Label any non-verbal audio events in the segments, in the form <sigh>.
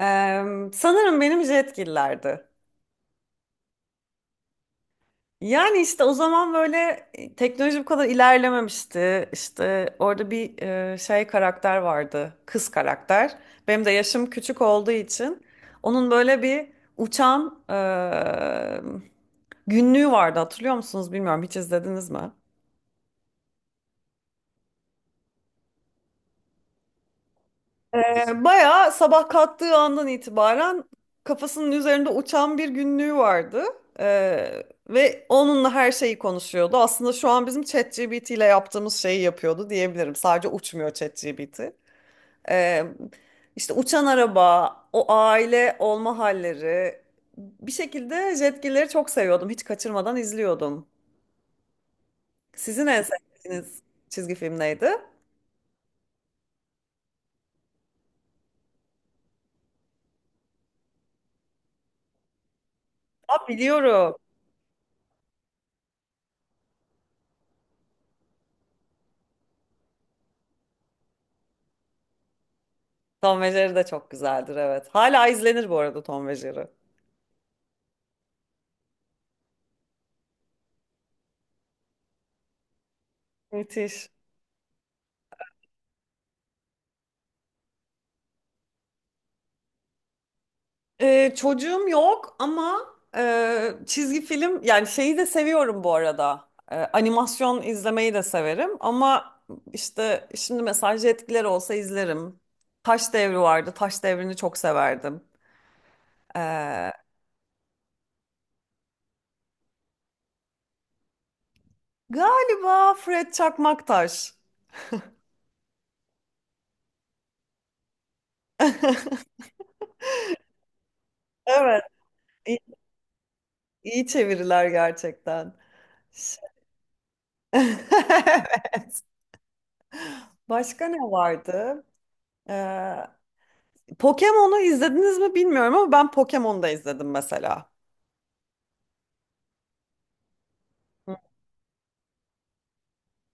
Sanırım benim Jetgiller'di. Yani işte o zaman böyle teknoloji bu kadar ilerlememişti. İşte orada bir şey karakter vardı. Kız karakter. Benim de yaşım küçük olduğu için onun böyle bir uçan günlüğü vardı, hatırlıyor musunuz, bilmiyorum, hiç izlediniz mi? Bayağı sabah kalktığı andan itibaren kafasının üzerinde uçan bir günlüğü vardı. E, Ve onunla her şeyi konuşuyordu. Aslında şu an bizim ChatGPT ile yaptığımız şeyi yapıyordu diyebilirim. Sadece uçmuyor ChatGPT. E, işte uçan araba, o aile olma halleri. Bir şekilde Jetgilleri çok seviyordum. Hiç kaçırmadan izliyordum. Sizin en sevdiğiniz çizgi film neydi? Aa, biliyorum. Tom ve Jerry de çok güzeldir, evet. Hala izlenir bu arada Tom ve Jerry. Müthiş. Çocuğum yok ama çizgi film, yani şeyi de seviyorum bu arada. Animasyon izlemeyi de severim ama işte şimdi mesaj etkileri olsa izlerim. Taş Devri vardı. Taş Devri'ni çok severdim. Ee, galiba Fred Çakmaktaş. <laughs> Evet. iyi iyi çeviriler gerçekten. Ş- <laughs> Evet. Başka ne vardı? Ee, Pokemon'u izlediniz mi bilmiyorum ama ben Pokemon'u da izledim mesela.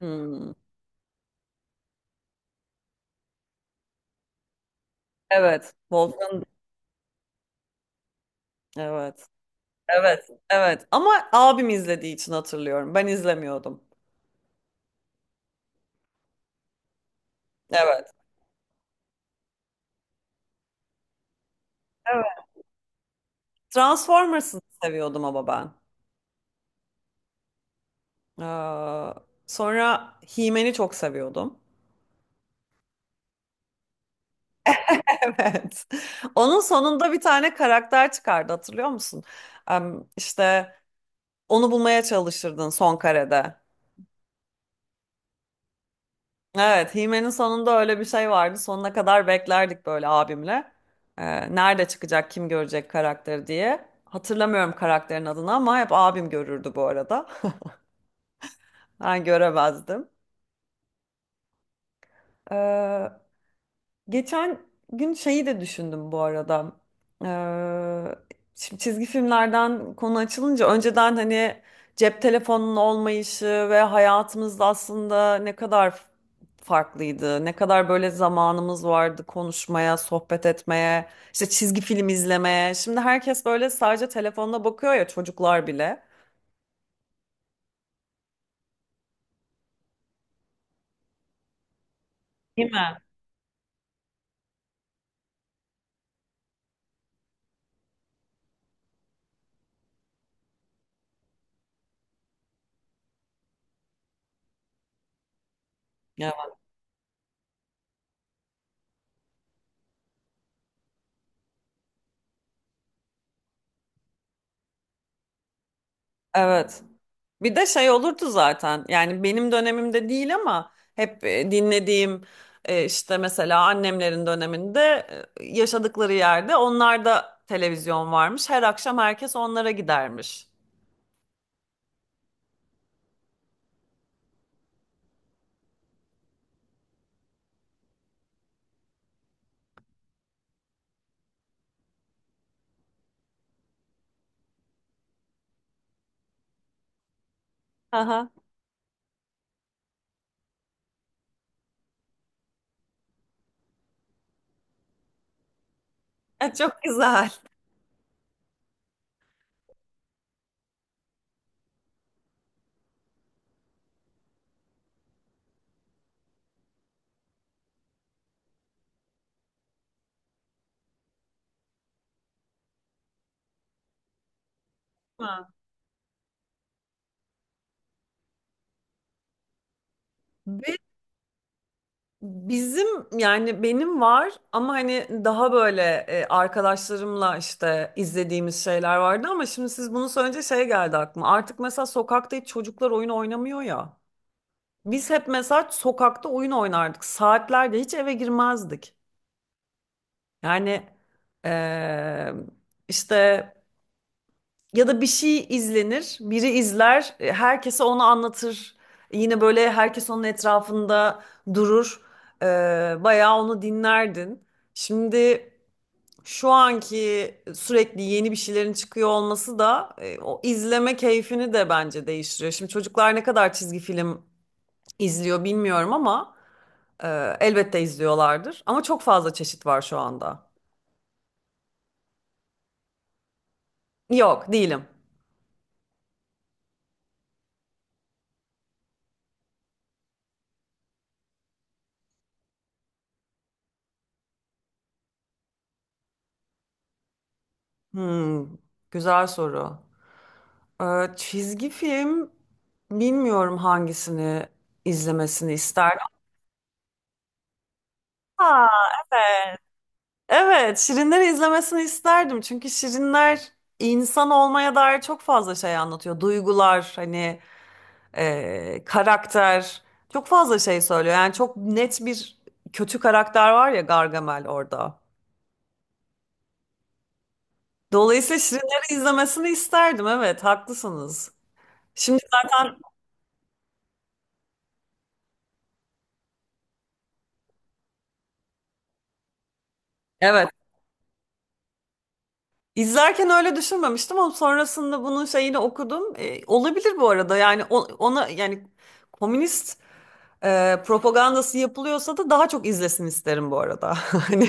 Hmm. Evet. Volkan. Evet. Evet. Evet. Ama abim izlediği için hatırlıyorum. Ben izlemiyordum. Evet. Evet. Transformers'ı seviyordum ama ben. Ee, sonra He-Man'i çok seviyordum. <laughs> Evet. Onun sonunda bir tane karakter çıkardı, hatırlıyor musun? İşte onu bulmaya çalışırdın son karede. Evet, Hime'nin sonunda öyle bir şey vardı. Sonuna kadar beklerdik böyle abimle. Nerede çıkacak, kim görecek karakteri diye. Hatırlamıyorum karakterin adını ama hep abim görürdü bu arada. <laughs> Ben göremezdim. Ee, Geçen gün şeyi de düşündüm bu arada. Şimdi çizgi filmlerden konu açılınca, önceden hani cep telefonunun olmayışı ve hayatımızda aslında ne kadar farklıydı. Ne kadar böyle zamanımız vardı konuşmaya, sohbet etmeye, işte çizgi film izlemeye. Şimdi herkes böyle sadece telefonuna bakıyor ya, çocuklar bile. Değil mi? Evet. Evet. Bir de şey olurdu zaten, yani benim dönemimde değil ama hep dinlediğim işte mesela annemlerin döneminde yaşadıkları yerde onlar da televizyon varmış. Her akşam herkes onlara gidermiş. Aha. Çok güzel. Ha. Ve bizim, yani benim var ama hani daha böyle arkadaşlarımla işte izlediğimiz şeyler vardı ama şimdi siz bunu söyleyince şey geldi aklıma. Artık mesela sokakta hiç çocuklar oyun oynamıyor ya. Biz hep mesela sokakta oyun oynardık. Saatlerce hiç eve girmezdik. Yani eee, işte, ya da bir şey izlenir, biri izler, herkese onu anlatır. Yine böyle herkes onun etrafında durur. Bayağı onu dinlerdin. Şimdi şu anki, sürekli yeni bir şeylerin çıkıyor olması da o izleme keyfini de bence değiştiriyor. Şimdi çocuklar ne kadar çizgi film izliyor bilmiyorum ama. Elbette izliyorlardır ama çok fazla çeşit var şu anda. Yok, değilim. Hmm, güzel soru. Çizgi film bilmiyorum hangisini izlemesini isterdim. Aa, evet. Evet, Şirinleri izlemesini isterdim. Çünkü Şirinler insan olmaya dair çok fazla şey anlatıyor. Duygular, hani karakter, çok fazla şey söylüyor. Yani çok net bir kötü karakter var ya, Gargamel orada. Dolayısıyla Şirinleri izlemesini isterdim. Evet, haklısınız. Şimdi zaten evet. İzlerken öyle düşünmemiştim ama sonrasında bunun şeyini okudum. E, olabilir bu arada. Yani o- ona, yani komünist propagandası yapılıyorsa da daha çok izlesin isterim bu arada. <laughs> Hani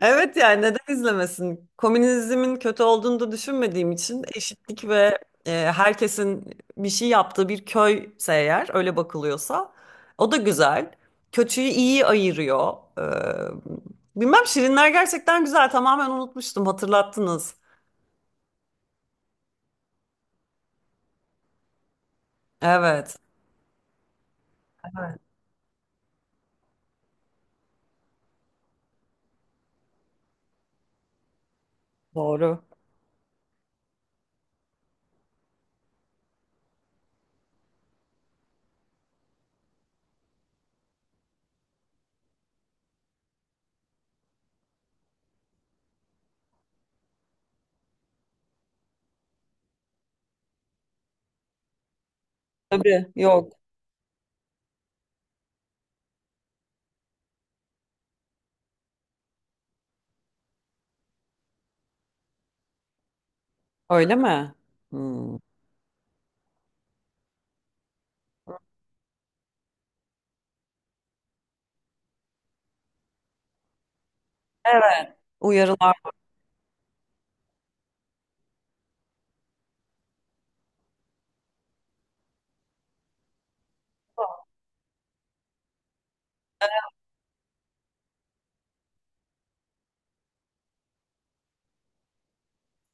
evet, yani neden izlemesin? Komünizmin kötü olduğunu da düşünmediğim için eşitlik ve herkesin bir şey yaptığı bir köyse, eğer öyle bakılıyorsa o da güzel. Kötüyü iyi ayırıyor. Bilmem, Şirinler gerçekten güzel, tamamen unutmuştum, hatırlattınız. Evet. Doğru. Tabii yok. Öyle mi? Hmm. Evet. Uyarılar.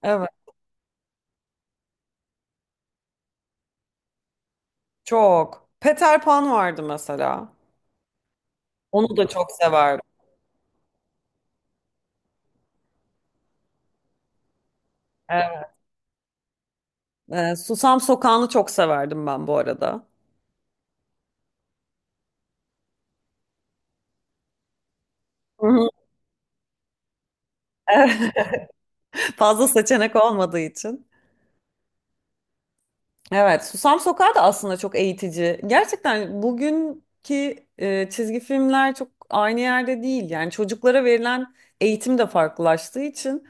Evet. Çok. Peter Pan vardı mesela. Onu da çok severdim. Susam Sokağı'nı çok severdim ben bu arada. Hı hı. <laughs> Fazla seçenek olmadığı için. Evet, Susam Sokağı da aslında çok eğitici. Gerçekten bugünkü çizgi filmler çok aynı yerde değil. Yani çocuklara verilen eğitim de farklılaştığı için.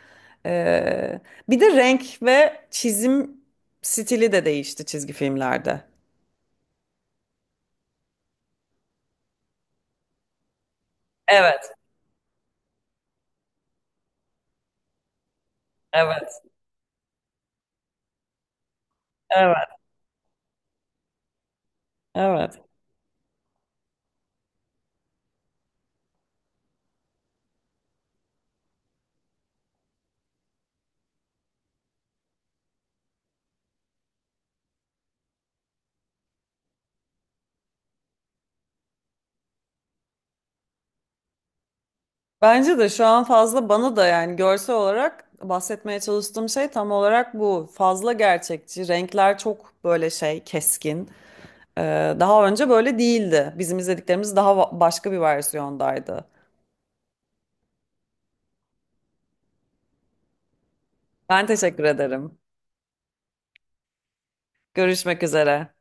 e, bir de renk ve çizim stili de değişti çizgi filmlerde. Evet, evet, evet, evet. Bence de şu an fazla, bana da yani görsel olarak bahsetmeye çalıştığım şey tam olarak bu. Fazla gerçekçi. Renkler çok böyle şey, keskin. Daha önce böyle değildi. Bizim izlediklerimiz daha başka bir versiyondaydı. Ben teşekkür ederim. Görüşmek üzere.